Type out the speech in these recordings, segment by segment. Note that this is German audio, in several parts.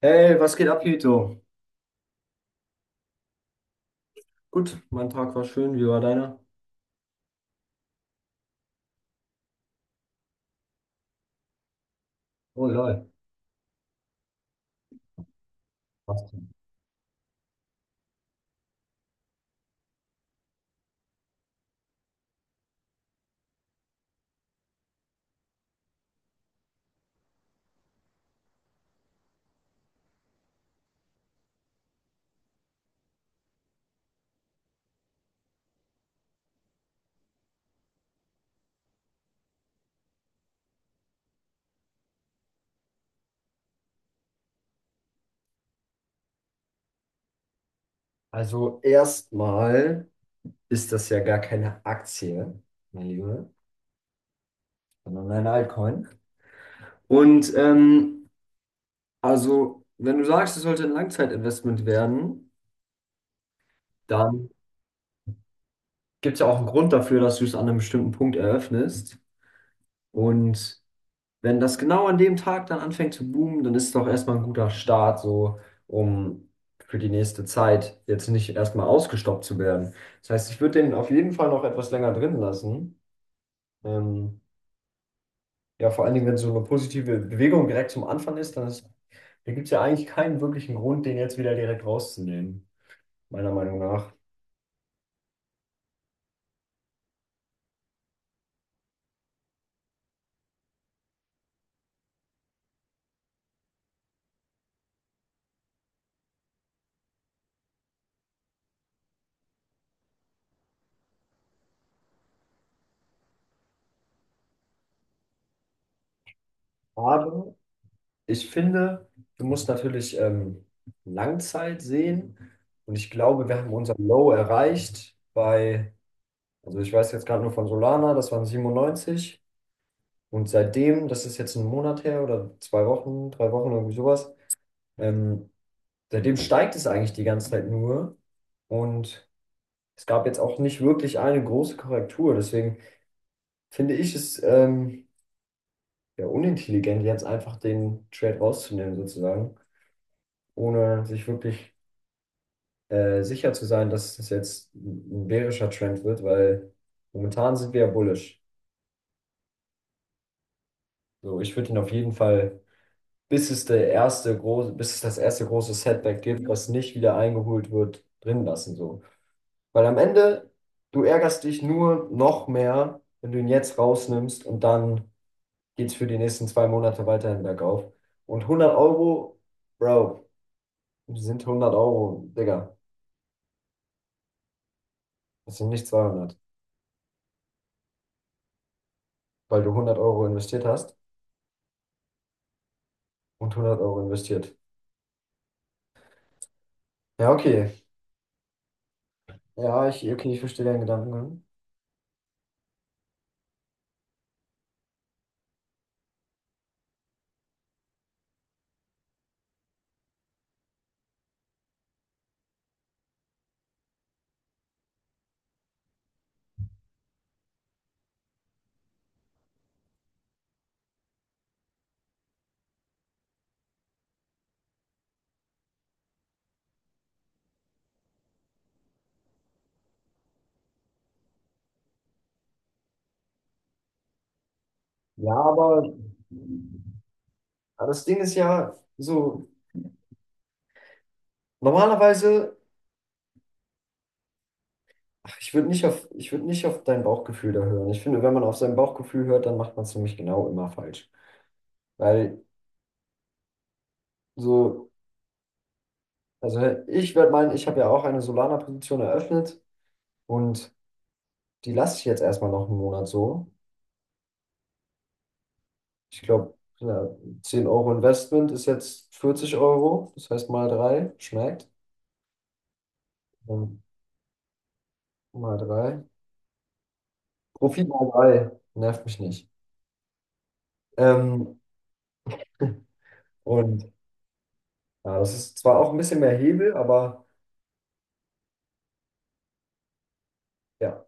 Hey, was geht ab, Hito? Gut, mein Tag war schön. Wie war deiner? Oh lol. Was denn? Also erstmal ist das ja gar keine Aktie, mein Lieber, sondern ein Altcoin. Und ähm, also, wenn du sagst, es sollte ein Langzeitinvestment werden, dann gibt es ja auch einen Grund dafür, dass du es an einem bestimmten Punkt eröffnest. Und wenn das genau an dem Tag dann anfängt zu boomen, dann ist es doch erstmal ein guter Start, so um für die nächste Zeit jetzt nicht erstmal ausgestoppt zu werden. Das heißt, ich würde den auf jeden Fall noch etwas länger drin lassen. Ähm, ja, vor allen Dingen, wenn so eine positive Bewegung direkt zum Anfang ist, da gibt es ja eigentlich keinen wirklichen Grund, den jetzt wieder direkt rauszunehmen, meiner Meinung nach. Aber ich finde, du musst natürlich Langzeit sehen. Und ich glaube, wir haben unser Low erreicht bei Also ich weiß jetzt gerade nur von Solana, das waren 97. Und seitdem, das ist jetzt ein Monat her oder zwei Wochen, drei Wochen, irgendwie sowas, ähm, seitdem steigt es eigentlich die ganze Zeit nur. Und es gab jetzt auch nicht wirklich eine große Korrektur. Deswegen finde ich es ja unintelligent, jetzt einfach den Trade rauszunehmen, sozusagen, ohne sich wirklich sicher zu sein, dass es jetzt ein bärischer Trend wird, weil momentan sind wir ja bullish. So, ich würde ihn auf jeden Fall bis es das erste große Setback gibt, was nicht wieder eingeholt wird, drin lassen so. Weil am Ende, du ärgerst dich nur noch mehr, wenn du ihn jetzt rausnimmst und dann geht's für die nächsten zwei Monate weiterhin bergauf. Und 100 Euro, Bro, sind 100 Euro, Digga. Das sind nicht 200, weil du 100 Euro investiert hast und 100 Euro investiert. Ja, okay. Okay, ich verstehe deinen Gedankengang. Ja, aber das Ding ist ja so, normalerweise, ach, ich würde nicht auf dein Bauchgefühl da hören. Ich finde, wenn man auf sein Bauchgefühl hört, dann macht man es nämlich genau immer falsch. Weil so, also ich werde meinen, ich habe ja auch eine Solana-Position eröffnet und die lasse ich jetzt erstmal noch einen Monat so. Ich glaube, ja, 10 Euro Investment ist jetzt 40 Euro, das heißt mal drei, schmeckt. Ähm, Mal drei. Profit mal drei, nervt mich nicht. Ähm, und ja, das ist zwar auch ein bisschen mehr Hebel, aber. Ja,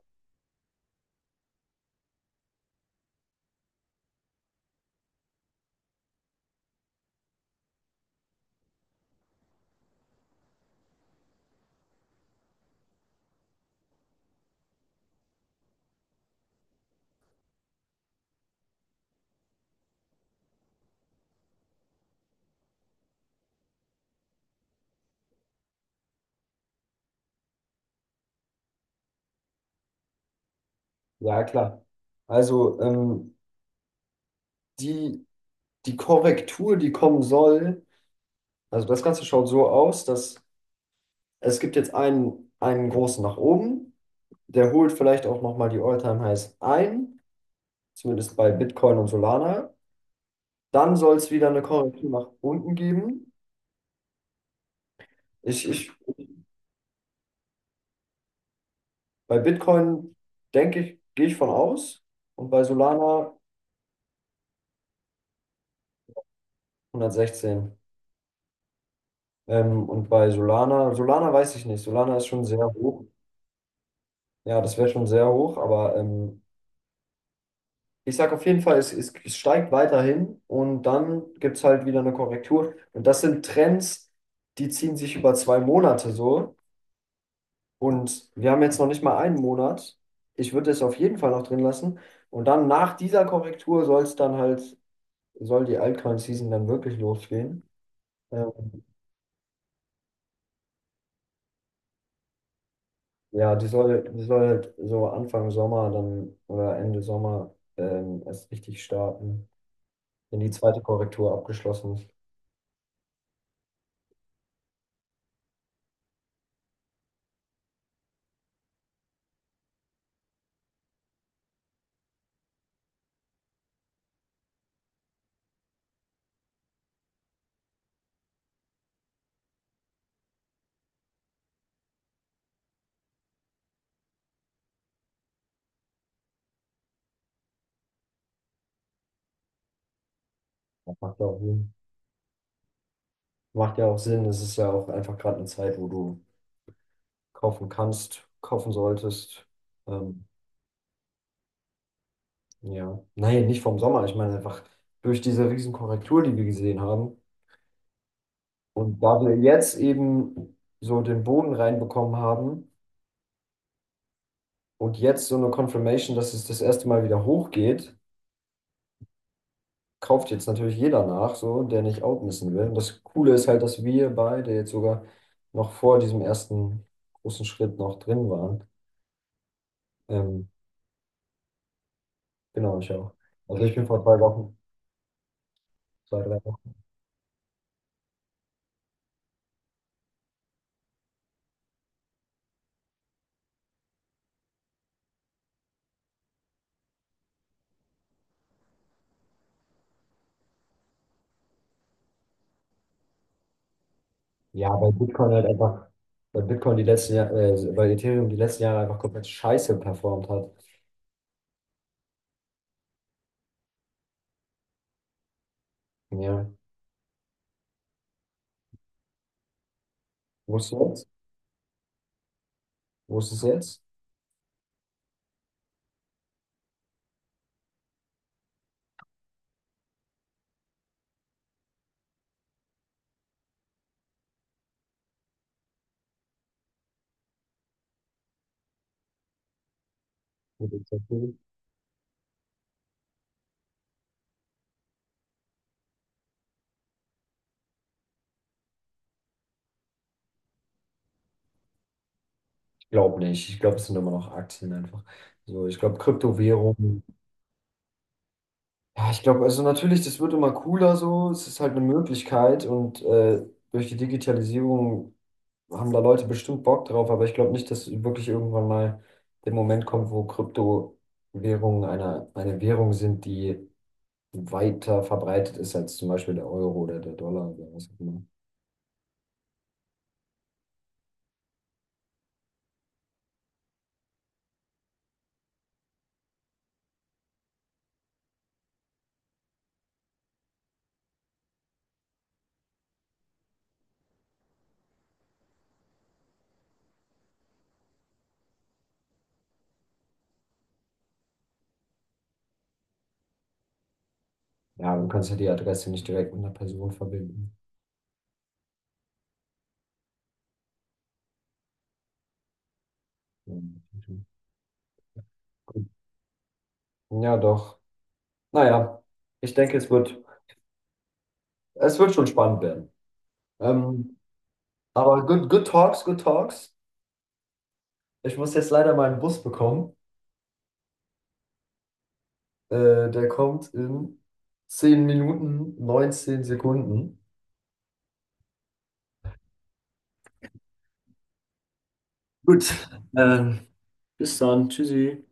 ja, klar. Also ähm, die, die Korrektur, die kommen soll, also das Ganze schaut so aus, dass es gibt jetzt einen großen nach oben, der holt vielleicht auch nochmal die All-Time-Highs ein, zumindest bei Bitcoin und Solana. Dann soll es wieder eine Korrektur nach unten geben. Ich, ich, bei Bitcoin denke ich, gehe ich von aus und bei Solana 116. Und bei Solana, Solana weiß ich nicht, Solana ist schon sehr hoch. Ja, das wäre schon sehr hoch, aber ich sage auf jeden Fall, es steigt weiterhin und dann gibt es halt wieder eine Korrektur. Und das sind Trends, die ziehen sich über zwei Monate so. Und wir haben jetzt noch nicht mal einen Monat. Ich würde es auf jeden Fall noch drin lassen. Und dann nach dieser Korrektur soll die Altcoin-Season dann wirklich losgehen. Ähm, ja, die soll halt so Anfang Sommer dann oder Ende Sommer erst richtig starten, wenn die zweite Korrektur abgeschlossen ist. Macht ja auch Sinn. Macht ja auch Sinn. Es ist ja auch einfach gerade eine Zeit, wo du kaufen kannst, kaufen solltest. Ähm, ja, nein, nicht vom Sommer. Ich meine einfach durch diese riesen Korrektur die wir gesehen haben. Und da wir jetzt eben so den Boden reinbekommen haben und jetzt so eine Confirmation, dass es das erste Mal wieder hochgeht, kauft jetzt natürlich jeder nach, so, der nicht outmissen will. Und das Coole ist halt, dass wir beide jetzt sogar noch vor diesem ersten großen Schritt noch drin waren. Ähm, Genau, ich auch. Also ich bin vor zwei Wochen, zwei, drei Wochen. Ja, weil Bitcoin halt einfach, weil Bitcoin die letzten Jahre, weil Ethereum die letzten Jahre einfach komplett scheiße performt hat. Ja. Wo ist es jetzt? Wo ist es jetzt? Mit dem Zettel? Ich glaube nicht. Ich glaube, es sind immer noch Aktien einfach. So, ich glaube, Kryptowährungen. Ja, ich glaube, also natürlich, das wird immer cooler so. Es ist halt eine Möglichkeit und durch die Digitalisierung haben da Leute bestimmt Bock drauf, aber ich glaube nicht, dass wirklich irgendwann mal der Moment kommt, wo Kryptowährungen eine Währung sind, die weiter verbreitet ist als zum Beispiel der Euro oder der Dollar oder was auch immer. Ja, du kannst ja die Adresse nicht direkt mit einer Person verbinden. Gut. Ja, doch. Naja, ich denke, es wird schon spannend werden. Ähm, aber good, good talks, good talks. Ich muss jetzt leider meinen Bus bekommen. Der kommt in 10 Minuten, 19 Sekunden. Gut, ähm, bis dann. Tschüssi.